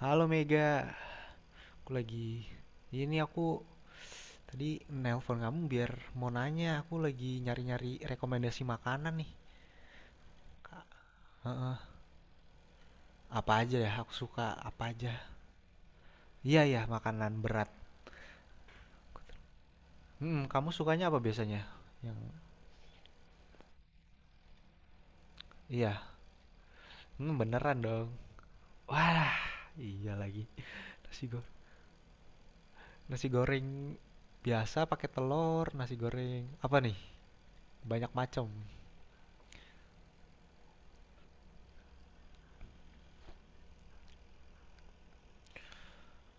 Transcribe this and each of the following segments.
Halo Mega, aku lagi ini aku tadi nelpon kamu biar mau nanya, aku lagi nyari-nyari rekomendasi makanan nih. Heeh, apa aja ya? Aku suka apa aja? Iya ya, makanan berat. Hmm, kamu sukanya apa biasanya? Yang iya, beneran dong. Wah, iya lagi. Nasi goreng, nasi goreng biasa pakai telur, nasi goreng apa nih? Banyak macam.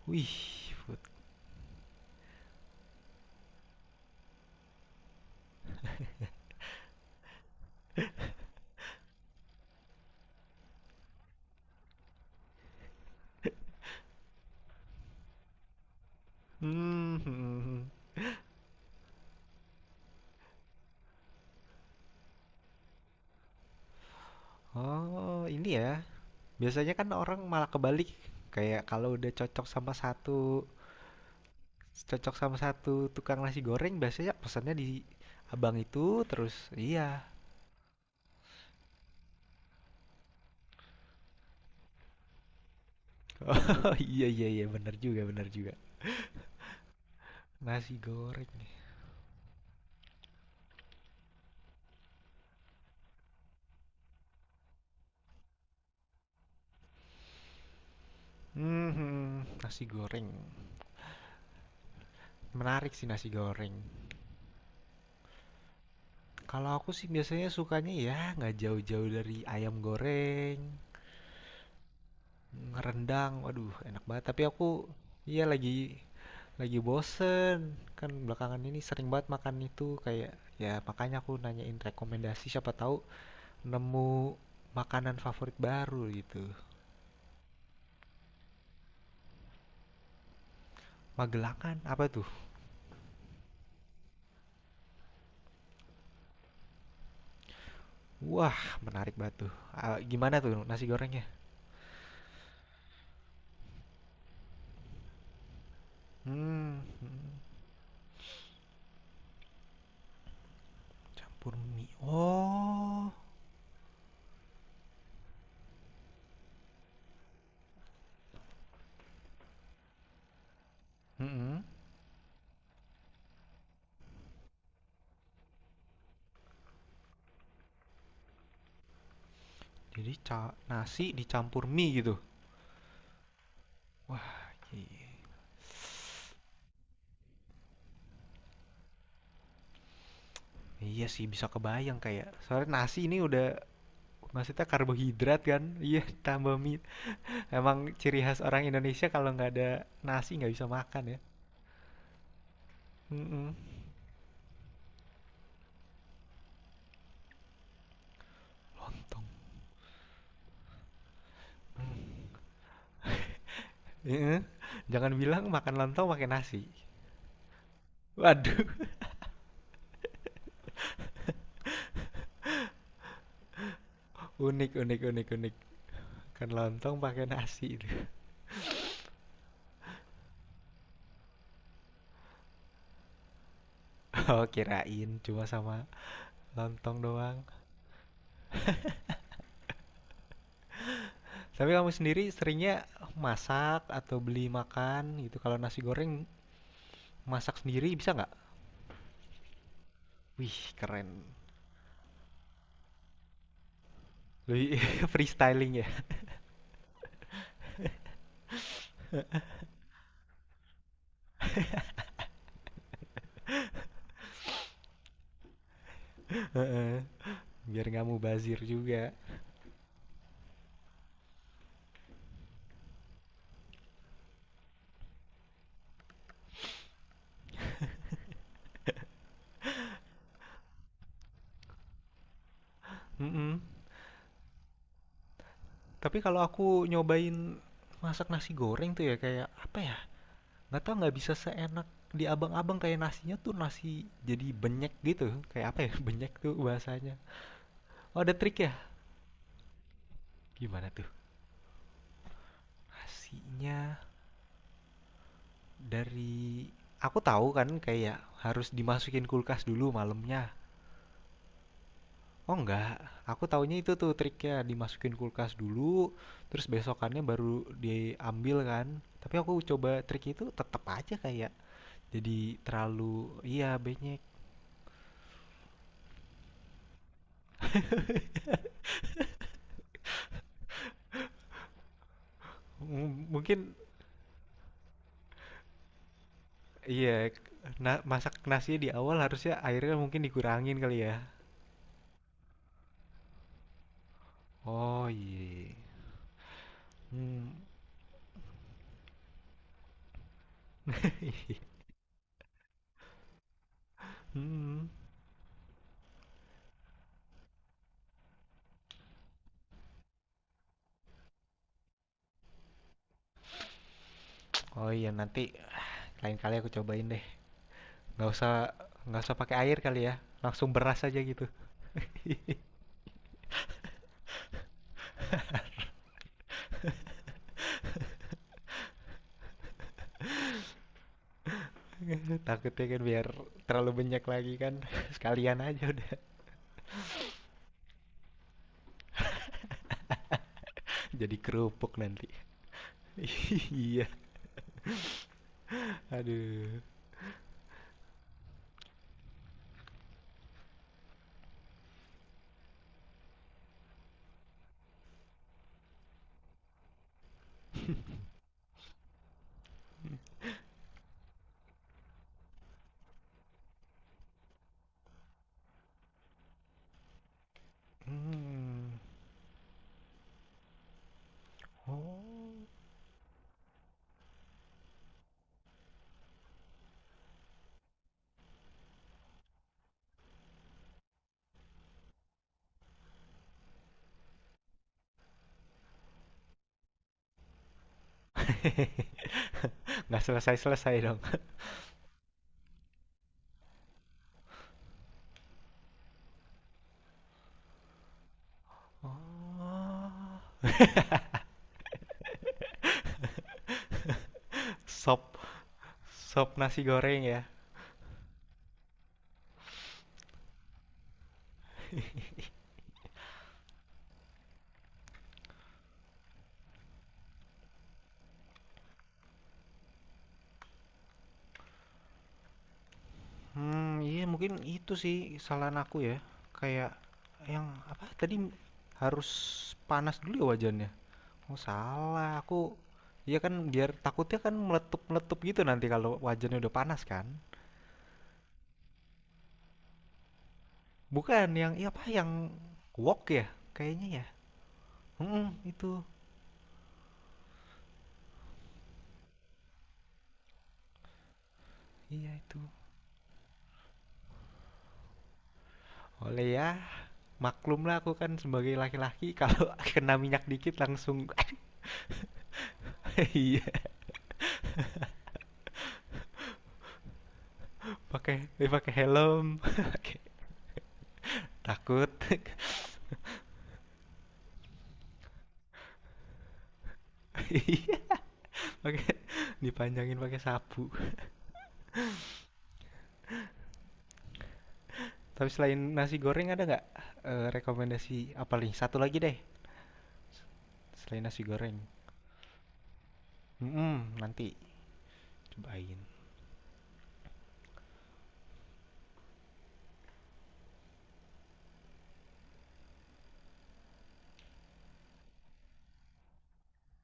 Wih, food. Hmm, hmm, hmm. Hmm. Oh, ini ya. Biasanya kan orang malah kebalik, kayak kalau udah cocok sama satu tukang nasi goreng biasanya pesannya di abang itu terus. Iya. Oh, iya, iya, iya, bener juga, bener juga. Nasi goreng nih. Mhm, nasi goreng. Menarik sih nasi goreng. Kalau aku sih biasanya sukanya ya nggak jauh-jauh dari ayam goreng, rendang, waduh enak banget. Tapi aku, iya lagi. Lagi bosen. Kan belakangan ini sering banget makan itu kayak ya, makanya aku nanyain rekomendasi siapa tahu nemu makanan favorit baru gitu. Magelangan apa tuh? Wah, menarik banget tuh. Ah, gimana tuh nasi gorengnya? Hmm, hmm, campur mie. Oh. hmm Jadi nasi dicampur mie gitu. Wah, i- iya sih bisa kebayang kayak soalnya nasi ini udah maksudnya karbohidrat kan? Iya, tambah mie. Emang ciri khas orang Indonesia kalau nggak ada nasi nggak bisa makan ya. Mm-mm. Lontong. Iya. Jangan bilang makan lontong pakai nasi. Waduh. Unik, unik, unik, unik. Makan lontong pakai nasi itu. Oh, kirain cuma sama lontong doang. Tapi kamu sendiri seringnya masak atau beli makan gitu. Kalau nasi goreng masak sendiri bisa nggak? Wih, keren. Lebih freestyling ya. Biar nggak mubazir juga. Mm-mm. Tapi kalau aku nyobain masak nasi goreng tuh ya kayak apa ya? Nggak tahu nggak bisa seenak di abang-abang kayak nasinya tuh nasi jadi benyek gitu. Kayak apa ya? Benyek tuh bahasanya. Oh, ada trik ya? Gimana tuh? Nasinya dari aku tahu kan kayak harus dimasukin kulkas dulu malamnya. Oh enggak, aku taunya itu tuh triknya dimasukin kulkas dulu, terus besokannya baru diambil kan. Tapi aku coba trik itu tetap aja kayak. Jadi terlalu. Iya, banyak. Mungkin iya, masak nasinya di awal harusnya airnya mungkin dikurangin kali ya. Oh iya. Hmm. Hmm. Oh iya, nanti lain kali aku cobain deh. Nggak usah nggak usah pakai air kali ya. Langsung beras aja gitu. Takutnya kan biar terlalu banyak lagi kan. Sekalian aja udah jadi kerupuk nanti. Iya. Aduh. Hmm. Oh. Nggak selesai-selesai dong. Oh, sop, sop nasi goreng ya. Hmm, iya mungkin itu sih kesalahan aku ya. Kayak yang apa tadi harus panas dulu ya wajannya. Oh, salah. Aku iya kan biar takutnya kan meletup-meletup gitu nanti kalau wajannya udah panas kan. Bukan yang iya apa yang wok ya kayaknya ya. Hmm, itu. Iya itu. Oleh ya, maklumlah aku kan sebagai laki-laki kalau kena minyak dikit langsung iya dipakai helm takut iya pakai dipanjangin pakai sapu. Tapi selain nasi goreng ada nggak rekomendasi apa nih satu lagi deh selain nasi goreng. Mm-mm, nanti cobain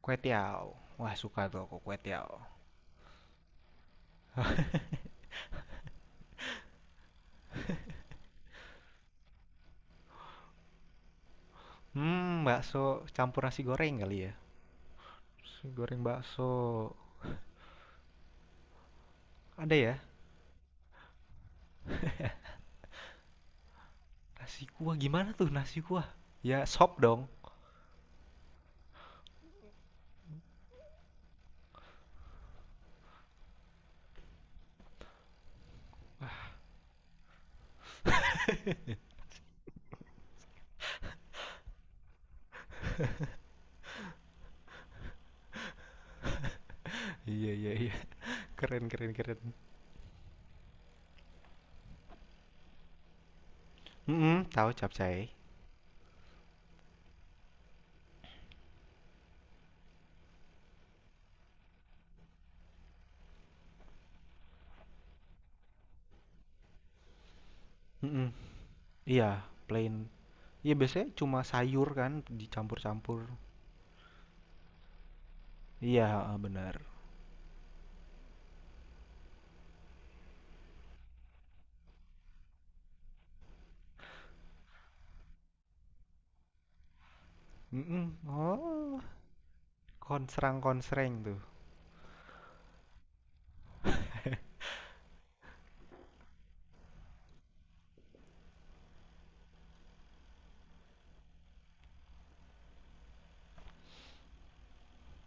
kue tiao, wah suka tuh aku kue tiao. Bakso campur nasi goreng kali ya, nasi goreng bakso. Ada ya? Nasi kuah gimana tuh nasi kuah? Ya, sop dong. Iya, iya, iya, keren, keren, keren. Mhm, tahu capcay. Mhm, iya, plain. Iya, biasanya cuma sayur kan dicampur-campur. Iya, heeh, benar. Mhm, oh, konsrang-konsreng tuh.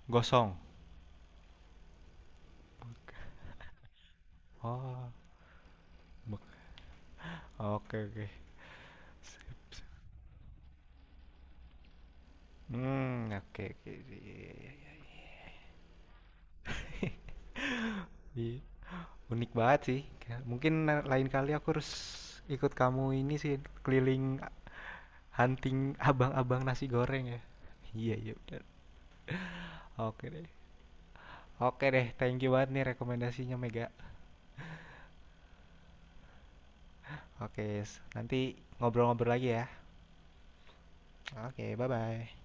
Gosong. Oh, bek oke, oke. Mmm, oke, oke, iya, iya, iya, iya, iya. Iya, unik banget sih. Kayak mungkin lain kali aku harus ikut kamu ini sih, keliling hunting abang-abang nasi goreng ya. Iya, iya, benar. Oke deh. Oke deh, thank you banget nih rekomendasinya Mega. Oke, nanti ngobrol-ngobrol lagi ya. Oke, bye-bye.